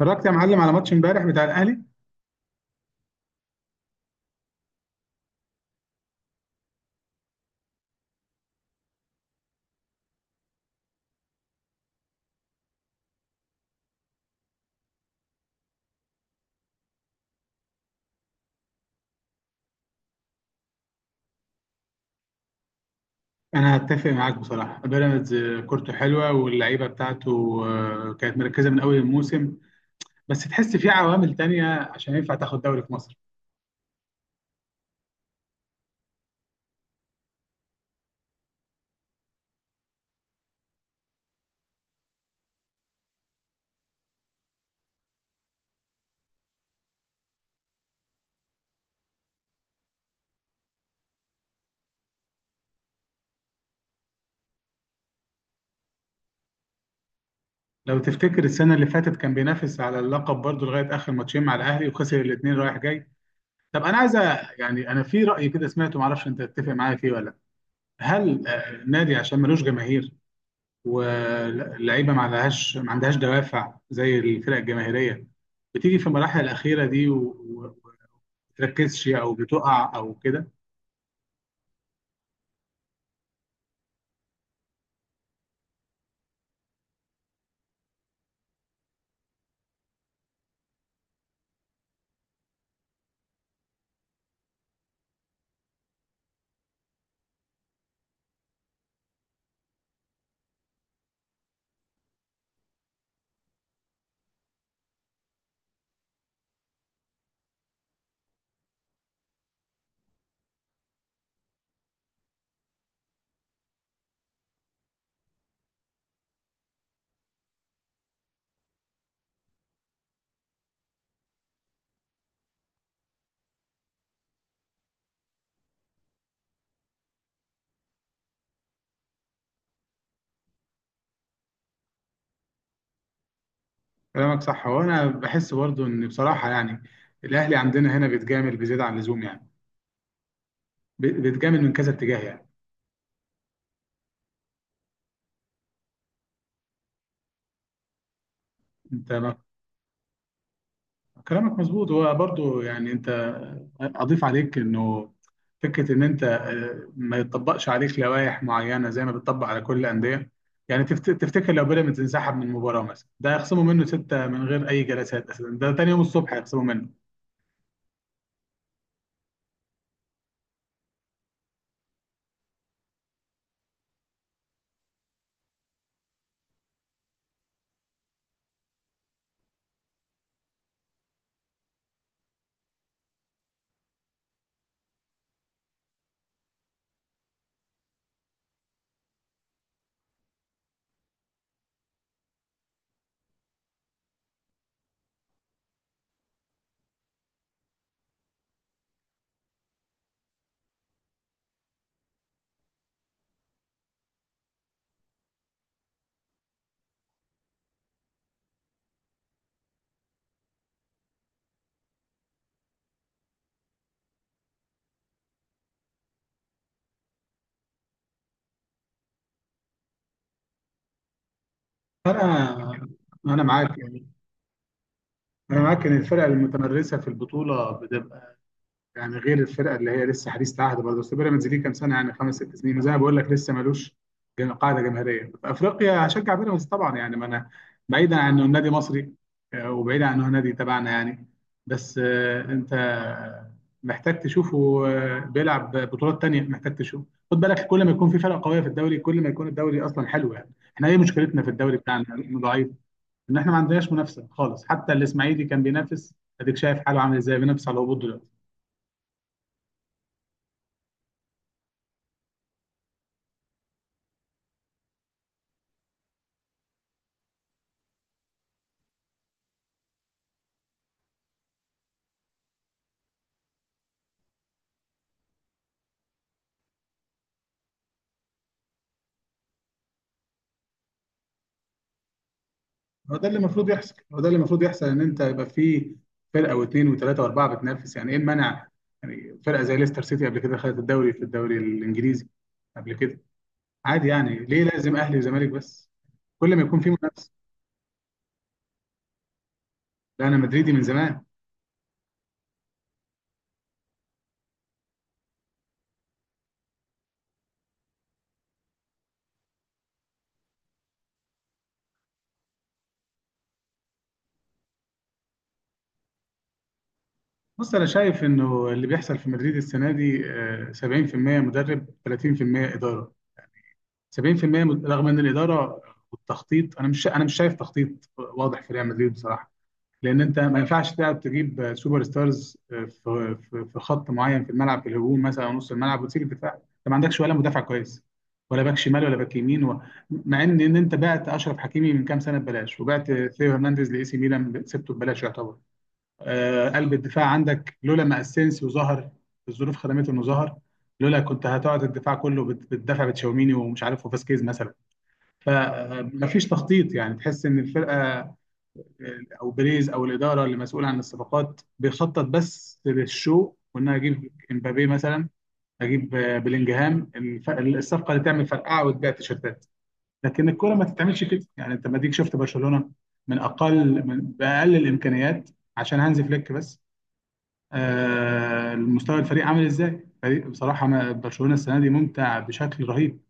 اتفرجت يا معلم على ماتش امبارح بتاع الاهلي. انا هتفق معاك بصراحه، بيراميدز كورته حلوه واللعيبه بتاعته كانت مركزه من اول الموسم. بس تحس في عوامل تانية عشان ينفع تاخد دوري في مصر. لو تفتكر السنه اللي فاتت كان بينافس على اللقب برضه لغايه اخر ماتشين مع الاهلي وخسر الاثنين رايح جاي. طب انا عايز يعني انا في راي كده سمعته، معرفش انت تتفق معايا فيه ولا لأ. هل النادي عشان ملوش جماهير واللعيبه ما عندهاش دوافع زي الفرق الجماهيريه، بتيجي في المراحل الاخيره دي وما بتركزش او بتقع او كده؟ كلامك صح، وانا بحس برضو ان بصراحه يعني الاهلي عندنا هنا بيتجامل بزياده عن اللزوم يعني، بيتجامل من كذا اتجاه يعني. انت كلامك مظبوط، هو برضو يعني. انت اضيف عليك انه فكره ان انت ما يطبقش عليك لوائح معينه زي ما بتطبق على كل الانديه. يعني تفتكر لو بيراميدز انسحب من المباراه مثلا ده هيخصموا منه سته من غير اي جلسات؟ اساسا ده تاني يوم الصبح هيخصموا منه. فانا معاك يعني، انا معاك ان الفرق المتمرسه في البطوله، يعني غير الفرقه اللي هي لسه حديث العهد برضه. بس بيراميدز ليه كام سنه يعني، خمس ست سنين، زي ما بقول لك لسه ملوش قاعده جماهيريه في افريقيا. هشجع بيراميدز طبعا يعني، ما انا بعيدا عن انه نادي مصري، وبعيدا عن انه نادي تبعنا يعني. بس انت محتاج تشوفه بيلعب بطولات تانية، محتاج تشوفه. خد بالك، كل ما يكون في فرقه قويه في الدوري كل ما يكون الدوري اصلا حلو. يعني احنا ايه مشكلتنا في الدوري بتاعنا؟ انه ضعيف، ان احنا ما عندناش منافسه خالص. حتى الاسماعيلي كان بينافس، اديك شايف حاله عامل ازاي، بينافس على الهبوط دلوقتي. هو ده اللي المفروض يحصل، هو ده اللي المفروض يحصل، ان انت يبقى في فرقه واثنين وثلاثه واربعه بتنافس. يعني ايه المنع؟ يعني فرقه زي ليستر سيتي قبل كده خدت الدوري في الدوري الانجليزي قبل كده. عادي يعني، ليه لازم اهلي وزمالك بس؟ كل ما يكون في منافسه. لا، انا مدريدي من زمان. بص، انا شايف انه اللي بيحصل في مدريد السنه دي 70% مدرب، 30% اداره. 70%، رغم ان الاداره والتخطيط، انا مش شايف تخطيط واضح في ريال مدريد بصراحه. لان انت ما ينفعش تلعب تجيب سوبر ستارز في خط معين في الملعب، في الهجوم مثلا او نص الملعب، وتسيب الدفاع. انت ما عندكش ولا مدافع كويس، ولا باك شمال ولا باك يمين مع ان انت بعت اشرف حكيمي من كام سنه ببلاش، وبعت ثيو هرنانديز لاي سي ميلان سبته ببلاش يعتبر. قلب الدفاع عندك لولا ما اسينسيو ظهر، الظروف خدمته انه ظهر. لولا كنت هتقعد الدفاع كله بتدافع بتشاوميني ومش عارف وفاسكيز مثلا. فمفيش تخطيط يعني، تحس ان الفرقه او بريز او الاداره اللي مسؤوله عن الصفقات بيخطط بس للشو، وان انا اجيب امبابي مثلا، اجيب بلينجهام، الصفقه اللي تعمل فرقعه وتبيع تيشيرتات. لكن الكوره ما تتعملش كده يعني، انت ما ديك شفت برشلونه من باقل الامكانيات عشان هانز فليك بس. المستوى، الفريق عامل ازاي؟ فريق بصراحه، ما برشلونه السنه دي ممتع بشكل رهيب.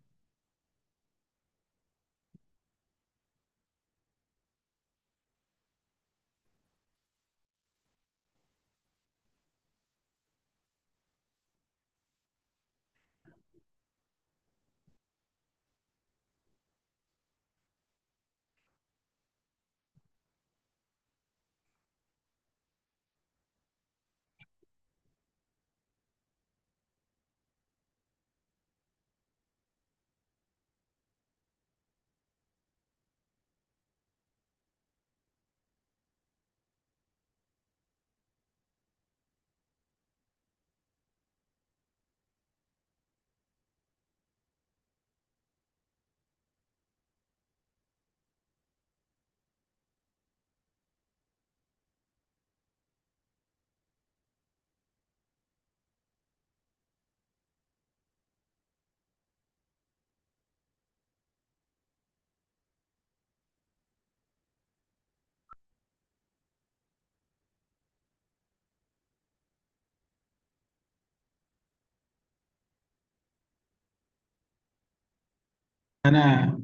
انا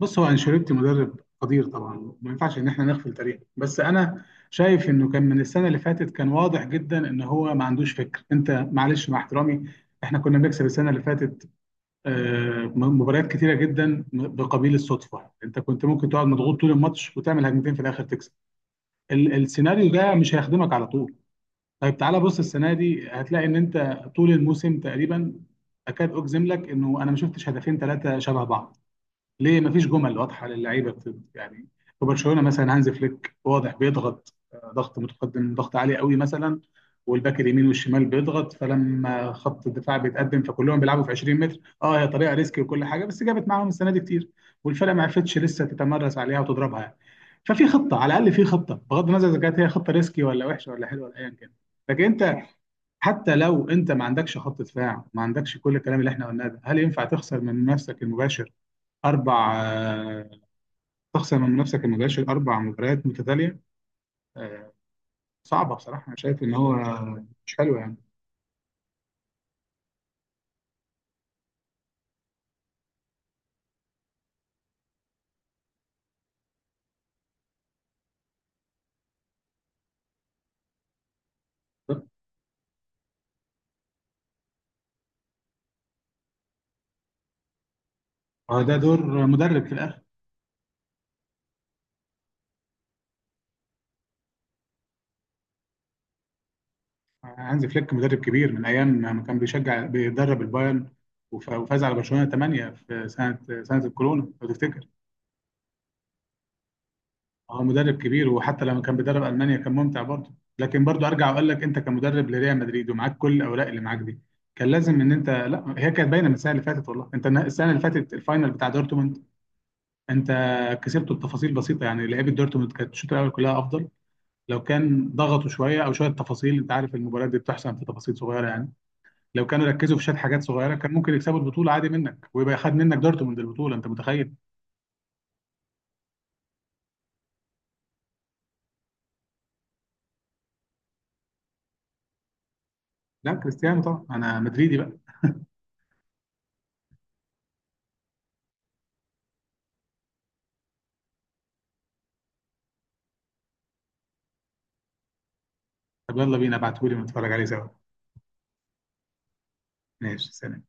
بص، هو انشيلوتي مدرب قدير طبعا، ما ينفعش ان احنا نغفل تاريخه. بس انا شايف انه كان من السنه اللي فاتت كان واضح جدا ان هو ما عندوش فكر. انت معلش مع احترامي، احنا كنا بنكسب السنه اللي فاتت مباريات كتيره جدا بقبيل الصدفه. انت كنت ممكن تقعد مضغوط طول الماتش وتعمل هجمتين في الاخر تكسب. السيناريو ده مش هيخدمك على طول. طيب، تعالى بص، السنه دي هتلاقي ان انت طول الموسم تقريبا، اكاد اجزم لك انه انا ما شفتش هدفين ثلاثه شبه بعض. ليه مفيش جمل واضحه للعيبه يعني؟ في برشلونه مثلا هانز فليك واضح بيضغط، ضغط متقدم ضغط عالي قوي مثلا. والباك اليمين والشمال بيضغط، فلما خط الدفاع بيتقدم فكلهم بيلعبوا في 20 متر. اه هي طريقه ريسكي وكل حاجه، بس جابت معاهم السنه دي كتير. والفرقه ما عرفتش لسه تتمرس عليها وتضربها يعني. ففي خطه على الاقل، في خطه، بغض النظر اذا كانت هي خطه ريسكي ولا وحشه ولا حلوه ولا ايا كان. لكن انت، حتى لو انت ما عندكش خط دفاع، ما عندكش كل الكلام اللي احنا قلناه ده، هل ينفع تخسر من منافسك المباشر اربع؟ تخسر من نفسك ما جاش الاربع مباريات متتاليه. آه، صعبه بصراحه، انا شايف ان هو مش حلو يعني. ده دور مدرب في الاخر. هانز فليك مدرب كبير من ايام ما كان بيدرب البايرن، وفاز على برشلونه 8 في سنه الكورونا لو تفتكر. هو مدرب كبير، وحتى لما كان بيدرب المانيا كان ممتع برضه. لكن برضه ارجع واقول لك، انت كمدرب لريال مدريد ومعاك كل الاوراق اللي معاك دي، كان لازم ان انت. لا، هي كانت باينه من السنه اللي فاتت والله. انت السنه اللي فاتت الفاينل بتاع دورتموند انت كسبته بتفاصيل بسيطه، يعني لعيبه دورتموند كانت الشوط الاول كلها افضل. لو كان ضغطوا شويه، او شويه تفاصيل، انت عارف المباريات دي بتحسن في تفاصيل صغيره يعني. لو كانوا ركزوا في شويه حاجات صغيره كان ممكن يكسبوا البطوله عادي منك، ويبقى خد منك دورتموند البطوله، انت متخيل؟ لا، كريستيانو طبعا، انا مدريدي بقى. طب يلا بينا، ابعتهولي ونتفرج عليه سوا. ماشي، سلام.